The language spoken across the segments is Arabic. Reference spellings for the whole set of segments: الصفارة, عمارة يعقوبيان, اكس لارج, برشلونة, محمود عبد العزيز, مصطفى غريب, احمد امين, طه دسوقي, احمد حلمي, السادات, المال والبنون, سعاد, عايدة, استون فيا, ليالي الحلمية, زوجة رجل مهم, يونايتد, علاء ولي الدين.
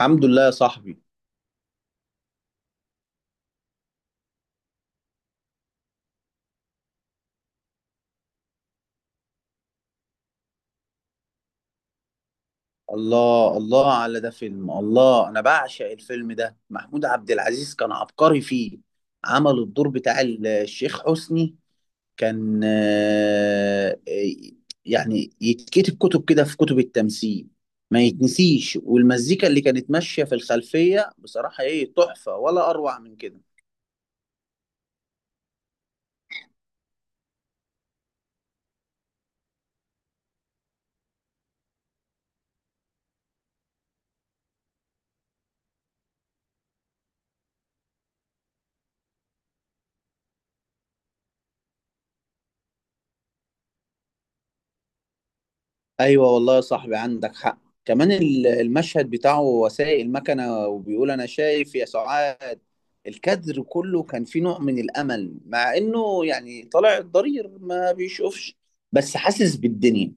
الحمد لله يا صاحبي. الله الله على ده فيلم. الله انا بعشق الفيلم ده. محمود عبد العزيز كان عبقري فيه. عمل الدور بتاع الشيخ حسني. كان يعني يتكتب كتب كده في كتب التمثيل، ما يتنسيش. والمزيكا اللي كانت ماشية في الخلفية، بصراحة ايه تحفة؟ ولا اروع من كده. ايوه والله يا صاحبي، عندك حق. كمان المشهد بتاعه وهو سايق المكنه وبيقول انا شايف يا سعاد، الكادر كله كان فيه نوع من الامل، مع انه يعني طالع الضرير ما بيشوفش، بس حاسس بالدنيا.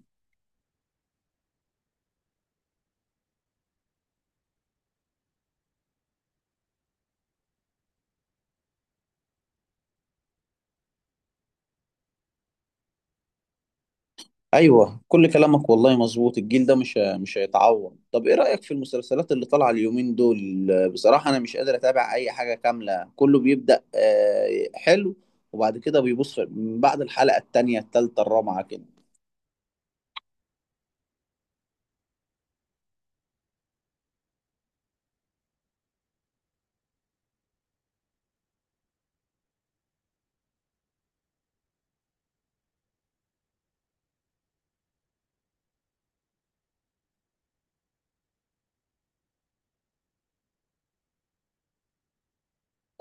ايوه كل كلامك والله مظبوط، الجيل ده مش هيتعوض. طب ايه رايك في المسلسلات اللي طالعه اليومين دول؟ بصراحه انا مش قادر اتابع اي حاجه كامله، كله بيبدا حلو، وبعد كده بيبص من بعد الحلقه التانيه التالته الرابعه كده.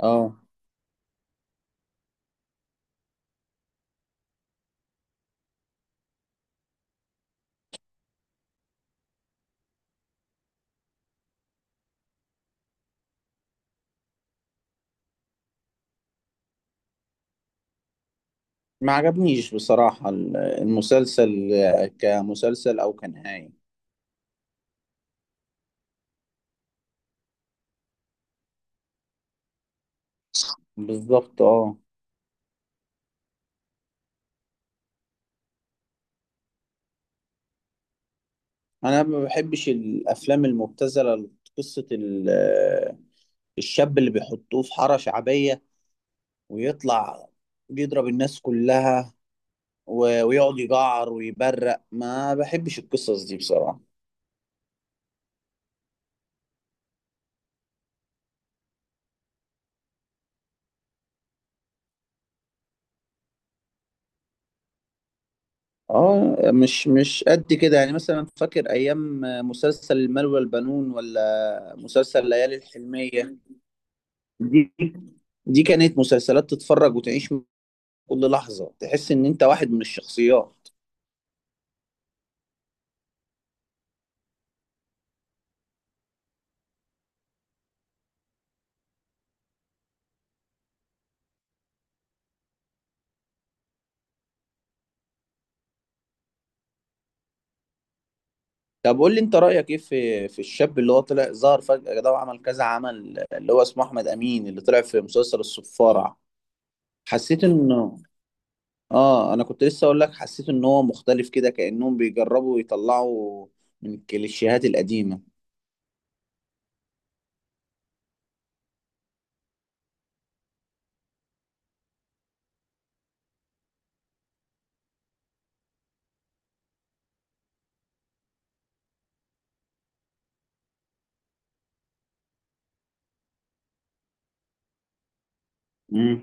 اه ما عجبنيش بصراحة المسلسل، كمسلسل أو كنهاية. بالظبط اه. أنا ما بحبش الأفلام المبتذلة، قصة الشاب اللي بيحطوه في حارة شعبية ويطلع بيضرب الناس كلها ويقعد يجعر ويبرق. ما بحبش القصص دي بصراحة. اه مش قد كده. يعني مثلا فاكر أيام مسلسل المال والبنون، ولا مسلسل ليالي الحلمية؟ دي دي كانت مسلسلات تتفرج وتعيش، كل لحظة تحس ان انت واحد من الشخصيات. طب قول لي انت رأيك ايه في الشاب اللي هو طلع ظهر فجأة ده وعمل كذا عمل، اللي هو اسمه احمد امين، اللي طلع في مسلسل الصفارة. حسيت انه، اه انا كنت لسه اقول لك، حسيت ان هو مختلف كده، كأنهم بيجربوا يطلعوا من الكليشيهات القديمة. مم.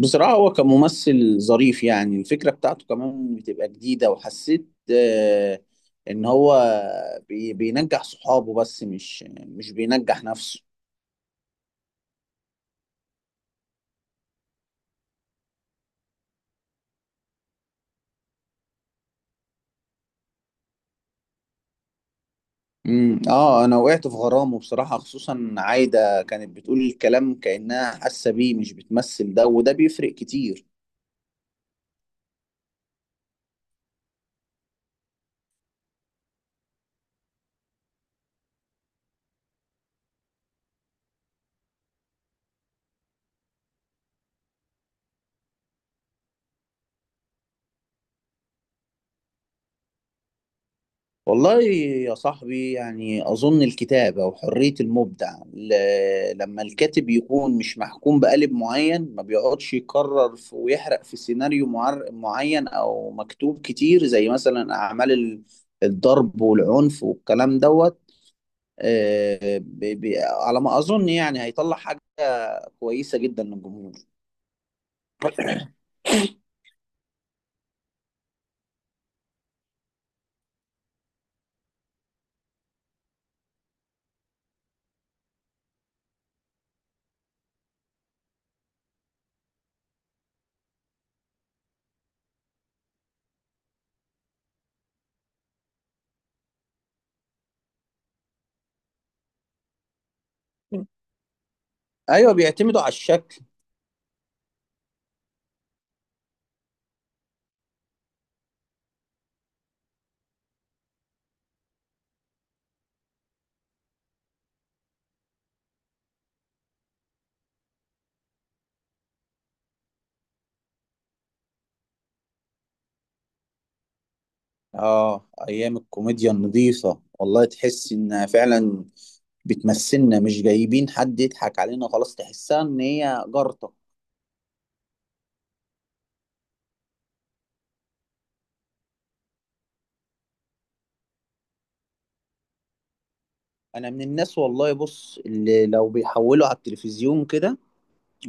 بصراحة هو كممثل ظريف، يعني الفكرة بتاعته كمان بتبقى جديدة. وحسيت إن هو بينجح صحابه بس مش بينجح نفسه. اه، انا وقعت في غرامه بصراحة. خصوصا عايدة كانت بتقول الكلام كأنها حاسة بيه، مش بتمثل، ده وده بيفرق كتير. والله يا صاحبي، يعني أظن الكتابة وحرية المبدع، لما الكاتب يكون مش محكوم بقالب معين، ما بيقعدش يكرر ويحرق في سيناريو معين أو مكتوب كتير، زي مثلا أعمال الضرب والعنف والكلام دوت، على ما أظن يعني هيطلع حاجة كويسة جدا للجمهور. أيوه بيعتمدوا على الشكل. اه ايام الكوميديا النظيفة، والله تحس انها فعلا بتمثلنا، مش جايبين حد يضحك علينا، خلاص تحسها ان هي جارتة. انا من الناس والله، بص، اللي لو بيحولوا على التلفزيون كده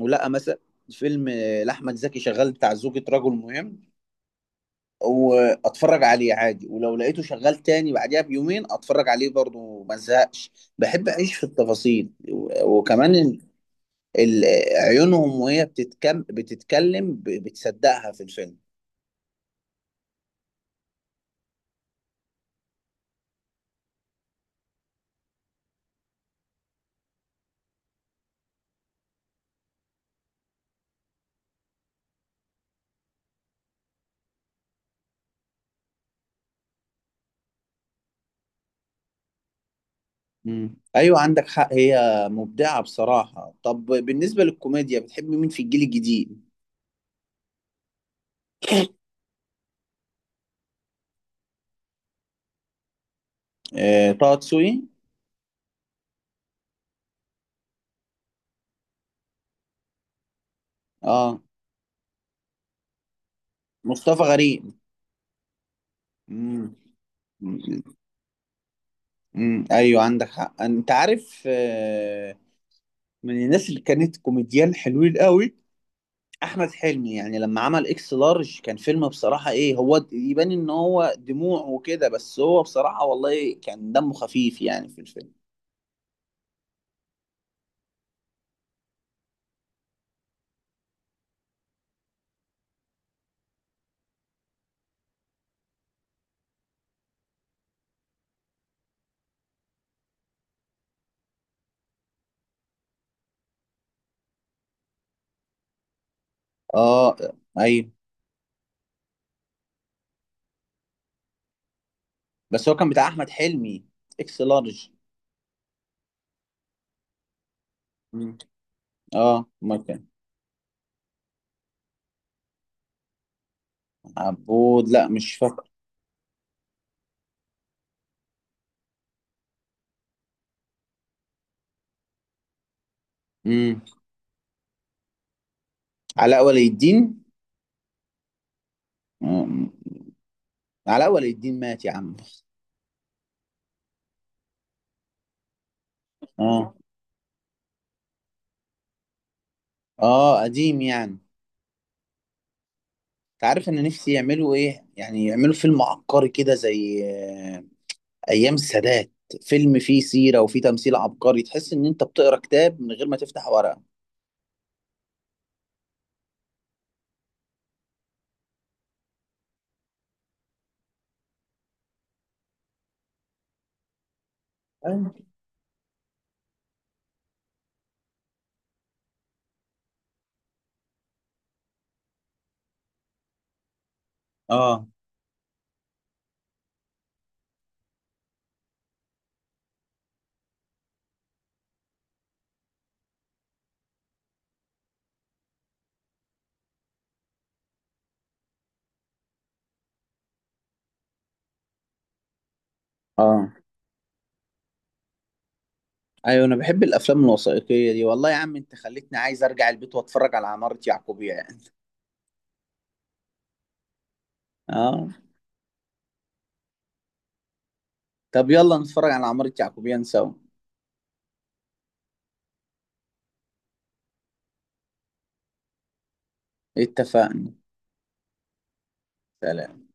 ولقى مثلا فيلم لاحمد زكي شغال بتاع زوجة رجل مهم، واتفرج عليه عادي، ولو لقيته شغال تاني بعديها بيومين اتفرج عليه برضه ما ازهقش. بحب اعيش في التفاصيل، وكمان ال- عيونهم وهي بتتكلم، بتصدقها في الفيلم. مم. ايوه عندك حق، هي مبدعه بصراحه. طب بالنسبه للكوميديا، بتحب مين في الجيل الجديد؟ طه دسوقي. اه مصطفى غريب. مم. مم. ايوه عندك حق. انت عارف من الناس اللي كانت كوميديان حلوين قوي، احمد حلمي. يعني لما عمل اكس لارج كان فيلم بصراحه ايه. هو يبان ان هو دموع وكده، بس هو بصراحه والله كان دمه خفيف يعني في الفيلم. اه ايوه. بس هو كان بتاع احمد حلمي، اكس لارج. مم. اه ما كان. عبود لا مش فاكر. امم، علاء ولي الدين. مم. علاء ولي الدين مات يا عم. اه. اه قديم يعني. انت عارف ان نفسي يعملوا ايه؟ يعني يعملوا فيلم عبقري كده، زي ايام السادات، فيلم فيه سيره وفيه تمثيل عبقري، تحس ان انت بتقرا كتاب من غير ما تفتح ورقه. أيوة. اه اه. ايوه انا بحب الافلام الوثائقيه دي. والله يا عم انت خليتني عايز ارجع البيت واتفرج على عماره يعقوبيان. اه طب يلا نتفرج على عماره يعقوبيان سوا. اتفقنا. سلام.